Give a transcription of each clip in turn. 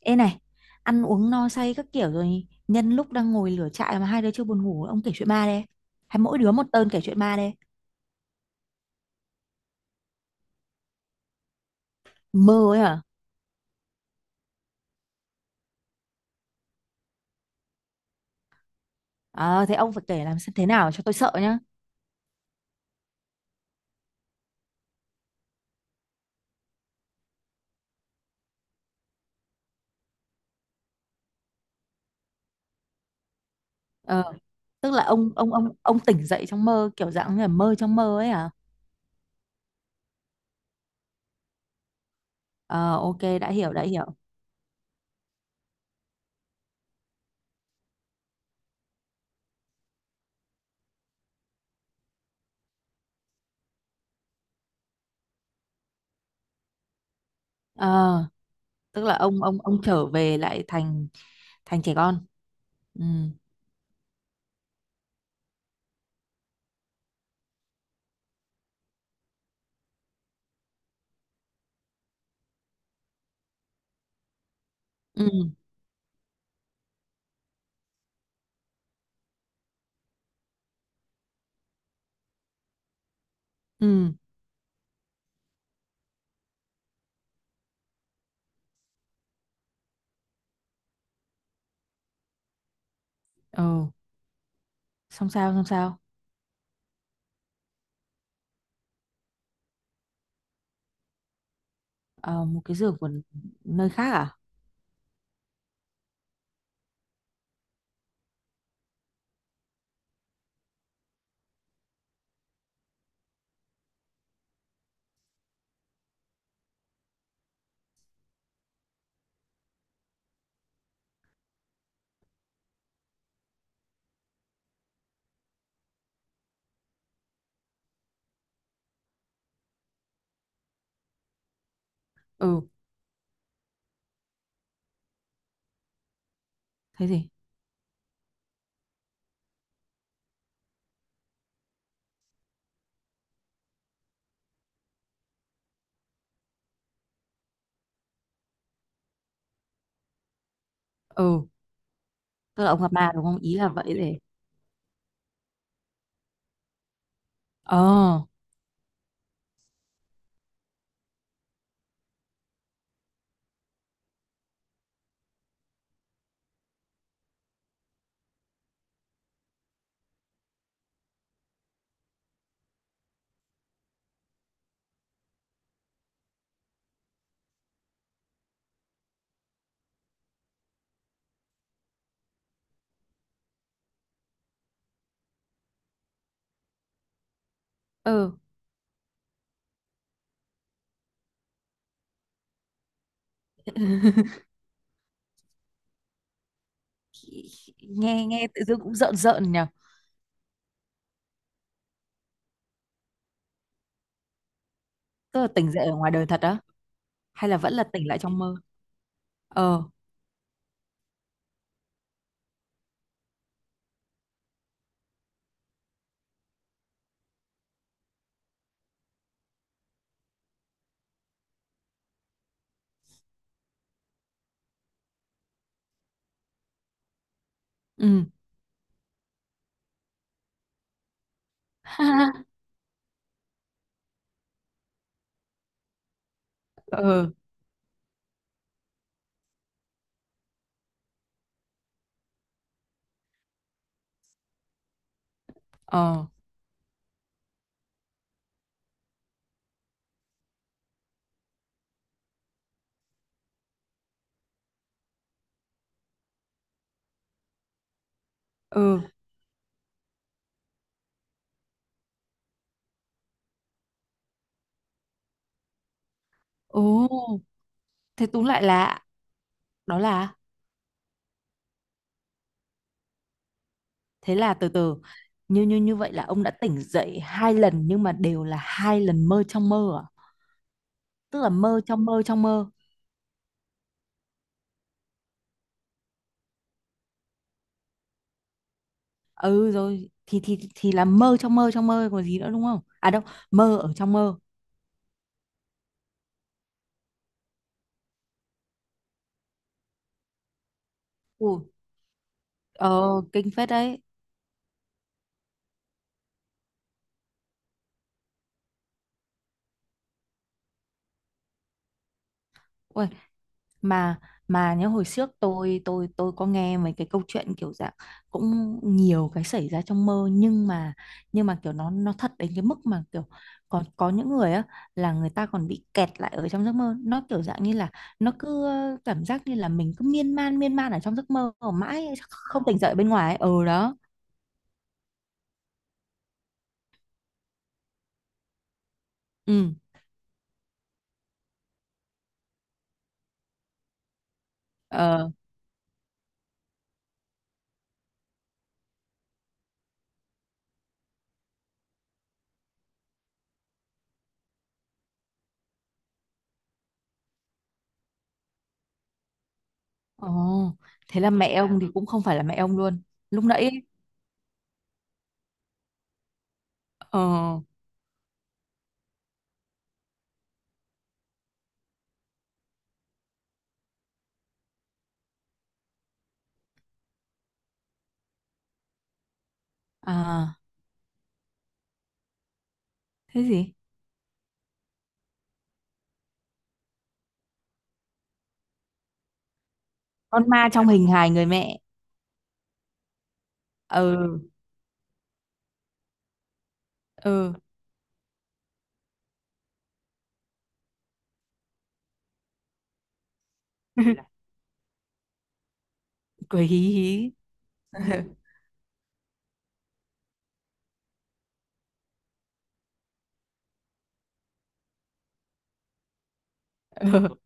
Ê này, ăn uống no say các kiểu rồi nhân lúc đang ngồi lửa trại mà hai đứa chưa buồn ngủ, ông kể chuyện ma đây. Hay mỗi đứa một tơn kể chuyện ma đây. Mơ ấy hả? À, thế ông phải kể làm xem thế nào cho tôi sợ nhá. Ờ, tức là ông tỉnh dậy trong mơ kiểu dạng như là mơ trong mơ ấy hả? Ờ, ok, đã hiểu, đã hiểu. Ờ, tức là ông trở về lại thành thành trẻ con. Ừ. Ừ. Ừ. Ừ. Xong sao, xong sao? Ờ, một cái giường của nơi khác à? Ừ, thế gì? Ừ, tức là ông gặp ma đúng không, ý là vậy để. Ờ. Ừ. nghe nghe tự dưng cũng rợn rợn nhỉ. Tức là tỉnh dậy ở ngoài đời thật á, hay là vẫn là tỉnh lại trong mơ? Ờ. Ừ. Ừ. Ờ. Ừ. Ồ, thế túm lại là đó là, thế là từ từ, như như như vậy là ông đã tỉnh dậy hai lần nhưng mà đều là hai lần mơ trong mơ à? Tức là mơ trong mơ trong mơ. Ừ, rồi thì là mơ trong mơ trong mơ còn gì nữa, đúng không à đâu? Mơ ở trong mơ. Ủa, ờ, kinh phết đấy. Ui, mà mà nhớ hồi trước tôi có nghe mấy cái câu chuyện kiểu dạng cũng nhiều cái xảy ra trong mơ, nhưng mà kiểu nó thật đến cái mức mà kiểu còn có những người á, là người ta còn bị kẹt lại ở trong giấc mơ. Nó kiểu dạng như là nó cứ cảm giác như là mình cứ miên man ở trong giấc mơ mãi không tỉnh dậy bên ngoài ấy. Ừ đó. Ừ. Ờ. Ồ, thế là mẹ ông thì cũng không phải là mẹ ông luôn. Lúc nãy ấy. Ờ. À, thế gì? Con ma trong hình hài người mẹ. Ừ. Ừ. Là- cười hí hí. Ừ.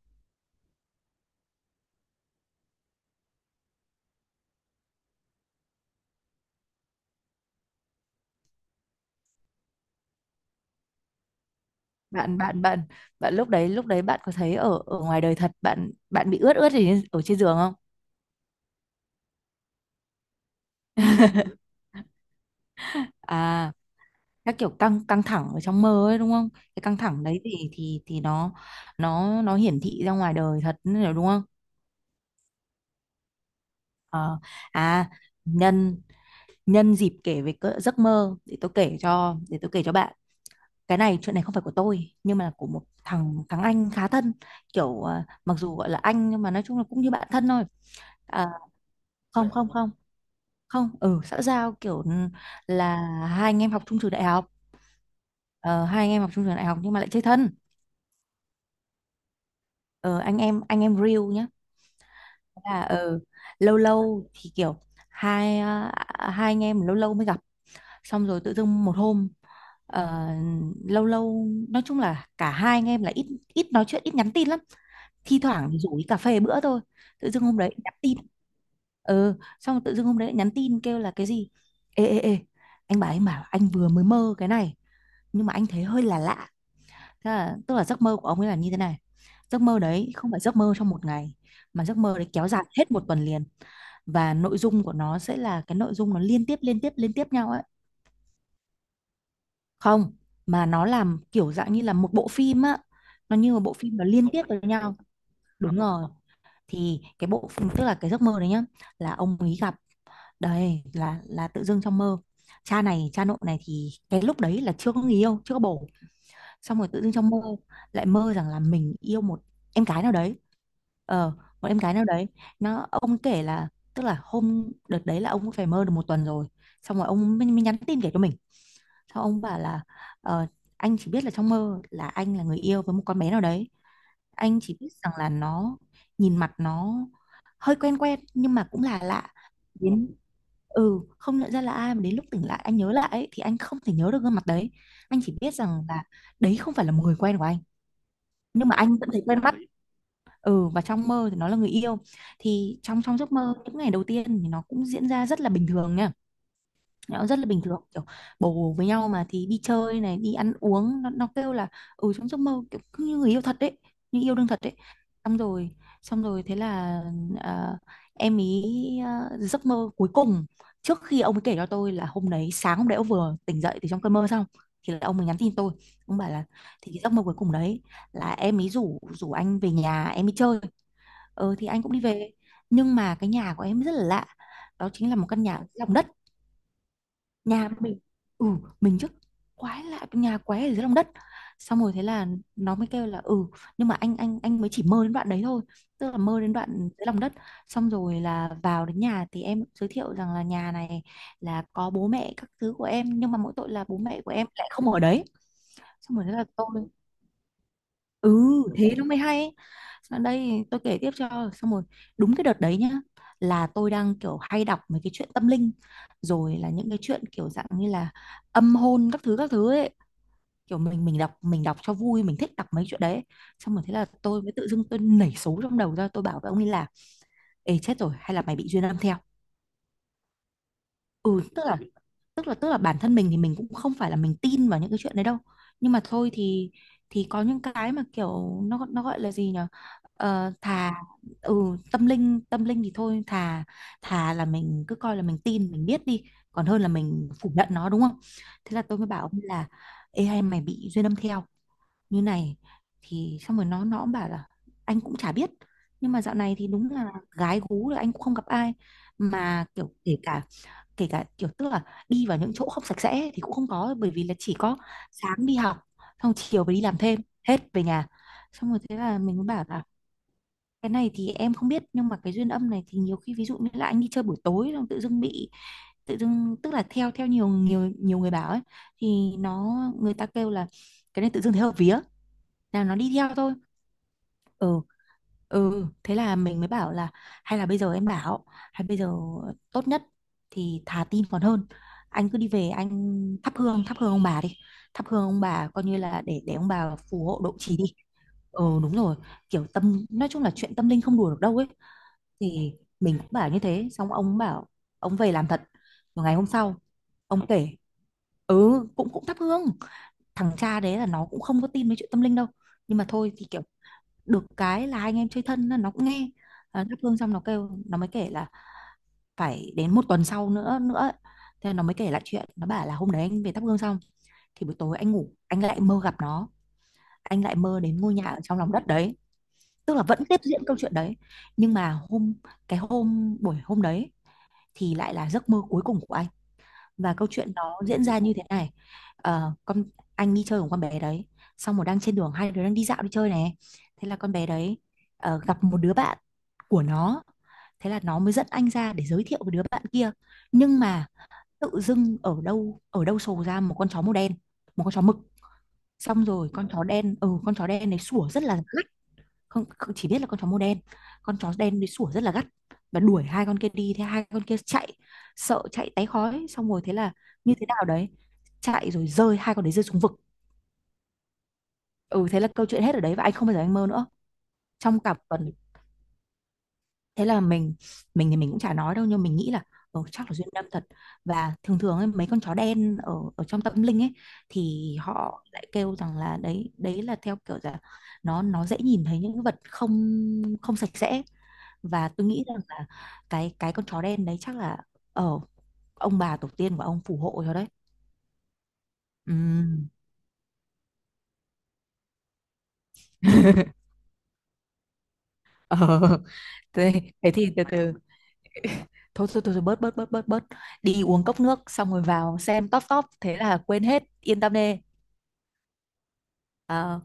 bạn bạn bạn bạn lúc đấy bạn có thấy ở ở ngoài đời thật bạn bạn bị ướt ướt gì ở trên giường không? À, các kiểu căng căng thẳng ở trong mơ ấy đúng không? Cái căng thẳng đấy thì nó nó hiển thị ra ngoài đời thật nữa đúng không? Ờ. À, nhân nhân dịp kể về cỡ giấc mơ, để tôi kể cho, để tôi kể cho bạn cái này. Chuyện này không phải của tôi nhưng mà là của một thằng thằng anh khá thân, kiểu mặc dù gọi là anh nhưng mà nói chung là cũng như bạn thân thôi. À, không không không, không, ừ, xã giao kiểu là hai anh em học chung trường đại học. Ờ, hai anh em học chung trường đại học nhưng mà lại chơi thân. Ờ, anh em real nhá. Là lâu lâu thì kiểu hai hai anh em lâu lâu mới gặp, xong rồi tự dưng một hôm ờ, lâu lâu nói chung là cả hai anh em là ít ít nói chuyện, ít nhắn tin lắm. Thi thoảng thì rủ đi cà phê bữa thôi. Tự dưng hôm đấy nhắn tin. Ừ, xong rồi tự dưng hôm đấy lại nhắn tin kêu là cái gì, ê ê ê, anh bảo anh vừa mới mơ cái này nhưng mà anh thấy hơi là lạ. Thế là, tức là giấc mơ của ông ấy là như thế này. Giấc mơ đấy không phải giấc mơ trong một ngày, mà giấc mơ đấy kéo dài hết một tuần liền, và nội dung của nó sẽ là cái nội dung nó liên tiếp liên tiếp liên tiếp nhau ấy. Không, mà nó làm kiểu dạng như là một bộ phim á, nó như một bộ phim, nó liên tiếp với nhau. Đúng rồi. Thì cái bộ phim, tức là cái giấc mơ đấy nhá, là ông ấy gặp, đây là tự dưng trong mơ, cha này cha nội này, thì cái lúc đấy là chưa có người yêu, chưa có bồ. Xong rồi tự dưng trong mơ lại mơ rằng là mình yêu một em gái nào đấy. Ờ, một em gái nào đấy. Nó ông kể là, tức là hôm đợt đấy là ông cũng phải mơ được một tuần rồi, xong rồi ông mới nhắn tin kể cho mình. Xong ông bảo là, ờ, anh chỉ biết là trong mơ là anh là người yêu với một con bé nào đấy. Anh chỉ biết rằng là nó, nhìn mặt nó hơi quen quen nhưng mà cũng là lạ. Đến, ừ, không nhận ra là ai, mà đến lúc tỉnh lại anh nhớ lại ấy, thì anh không thể nhớ được gương mặt đấy. Anh chỉ biết rằng là đấy không phải là một người quen của anh. Nhưng mà anh vẫn thấy quen mắt. Ừ, và trong mơ thì nó là người yêu. Thì trong trong giấc mơ những ngày đầu tiên thì nó cũng diễn ra rất là bình thường nha. Nó rất là bình thường, kiểu bồ với nhau mà thì đi chơi này, đi ăn uống, nó kêu là ừ, trong giấc mơ kiểu cứ như người yêu thật đấy, như yêu đương thật đấy. Xong rồi xong rồi thế là à, em ý, giấc mơ cuối cùng trước khi ông ấy kể cho tôi là hôm đấy, sáng hôm đấy ông vừa tỉnh dậy từ trong cơn mơ xong, thì là ông ấy nhắn tin tôi, ông bảo là, thì cái giấc mơ cuối cùng đấy là em ý rủ rủ anh về nhà em ý chơi. Ờ, thì anh cũng đi về, nhưng mà cái nhà của em rất là lạ, đó chính là một căn nhà dưới lòng đất. Nhà mình, ừ, mình trước, quái lạ, nhà quái ở dưới lòng đất. Xong rồi thế là nó mới kêu là ừ, nhưng mà anh mới chỉ mơ đến đoạn đấy thôi, tức là mơ đến đoạn dưới lòng đất. Xong rồi là vào đến nhà thì em giới thiệu rằng là nhà này là có bố mẹ các thứ của em nhưng mà mỗi tội là bố mẹ của em lại không ở đấy. Xong rồi thế là tôi, ừ, thế nó mới hay. Sau đây tôi kể tiếp cho xong rồi. Đúng cái đợt đấy nhá, là tôi đang kiểu hay đọc mấy cái chuyện tâm linh rồi, là những cái chuyện kiểu dạng như là âm hôn các thứ ấy, kiểu mình đọc cho vui, mình thích đọc mấy chuyện đấy. Xong rồi thế là tôi mới tự dưng tôi nảy số trong đầu ra, tôi bảo với ông ấy là, ê chết rồi, hay là mày bị duyên âm theo. Ừ, tức là tức là bản thân mình thì mình cũng không phải là mình tin vào những cái chuyện đấy đâu. Nhưng mà thôi thì có những cái mà kiểu nó gọi là gì nhở? Thà, ừ, tâm linh thì thôi, thà thà là mình cứ coi là mình tin mình biết đi, còn hơn là mình phủ nhận nó đúng không. Thế là tôi mới bảo ông là, ê hay mày bị duyên âm theo như này, thì xong rồi nó cũng bảo là, anh cũng chả biết, nhưng mà dạo này thì đúng là gái gú là anh cũng không gặp ai, mà kiểu kể cả, kiểu tức là, đi vào những chỗ không sạch sẽ thì cũng không có, bởi vì là chỉ có sáng đi học, xong chiều về đi làm thêm, hết về nhà. Xong rồi thế là mình mới bảo là, cái này thì em không biết, nhưng mà cái duyên âm này thì nhiều khi ví dụ như là anh đi chơi buổi tối xong tự dưng bị, tự dưng tức là theo theo nhiều nhiều nhiều người bảo ấy, thì nó, người ta kêu là cái này tự dưng thấy hợp vía là nó đi theo thôi. Ừ. Ừ, thế là mình mới bảo là, hay là bây giờ em bảo, hay bây giờ tốt nhất thì thà tin còn hơn, anh cứ đi về anh thắp hương ông bà đi, thắp hương ông bà coi như là để ông bà phù hộ độ trì đi. Ừ, đúng rồi, kiểu tâm, nói chung là chuyện tâm linh không đùa được đâu ấy. Thì mình cũng bảo như thế xong ông bảo, ông về làm thật. Rồi ngày hôm sau ông kể, ừ, cũng cũng thắp hương. Thằng cha đấy là nó cũng không có tin mấy chuyện tâm linh đâu, nhưng mà thôi thì kiểu được cái là hai anh em chơi thân nên nó cũng nghe. Thắp hương xong nó kêu, nó mới kể là, phải đến một tuần sau nữa nữa ấy. Thế nó mới kể lại chuyện, nó bảo là hôm đấy anh về thắp hương xong, thì buổi tối anh ngủ, anh lại mơ gặp nó, anh lại mơ đến ngôi nhà ở trong lòng đất đấy. Tức là vẫn tiếp diễn câu chuyện đấy, nhưng mà hôm, cái hôm buổi hôm đấy thì lại là giấc mơ cuối cùng của anh, và câu chuyện nó diễn ra như thế này. Ờ, con, anh đi chơi cùng con bé đấy, xong rồi đang trên đường hai đứa đang đi dạo đi chơi này, thế là con bé đấy, gặp một đứa bạn của nó, thế là nó mới dẫn anh ra để giới thiệu với đứa bạn kia, nhưng mà tự dưng ở đâu sổ ra một con chó màu đen, một con chó mực. Xong rồi con chó đen, ừ, con chó đen này sủa rất là dữ. Không, không, chỉ biết là con chó màu đen. Con chó đen đi sủa rất là gắt, và đuổi hai con kia đi, thế hai con kia chạy, sợ chạy tái khói, xong rồi thế là như thế nào đấy, chạy rồi rơi, hai con đấy rơi xuống vực. Ừ, thế là câu chuyện hết ở đấy và anh không bao giờ anh mơ nữa, trong cả tuần. Thế là mình thì mình cũng chả nói đâu, nhưng mình nghĩ là chắc là duyên năm thật. Và thường thường ấy, mấy con chó đen ở ở trong tâm linh ấy, thì họ lại kêu rằng là đấy, đấy là theo kiểu là nó dễ nhìn thấy những vật không, không sạch sẽ. Và tôi nghĩ rằng là cái con chó đen đấy chắc là ở ông bà tổ tiên của ông phù hộ cho đấy. Ừm. Ờ thế, thế, thì từ từ. Thôi thôi thôi thôi, bớt bớt bớt bớt bớt, đi uống cốc nước xong rồi vào xem top top thế là quên hết, yên tâm đi. Ờ,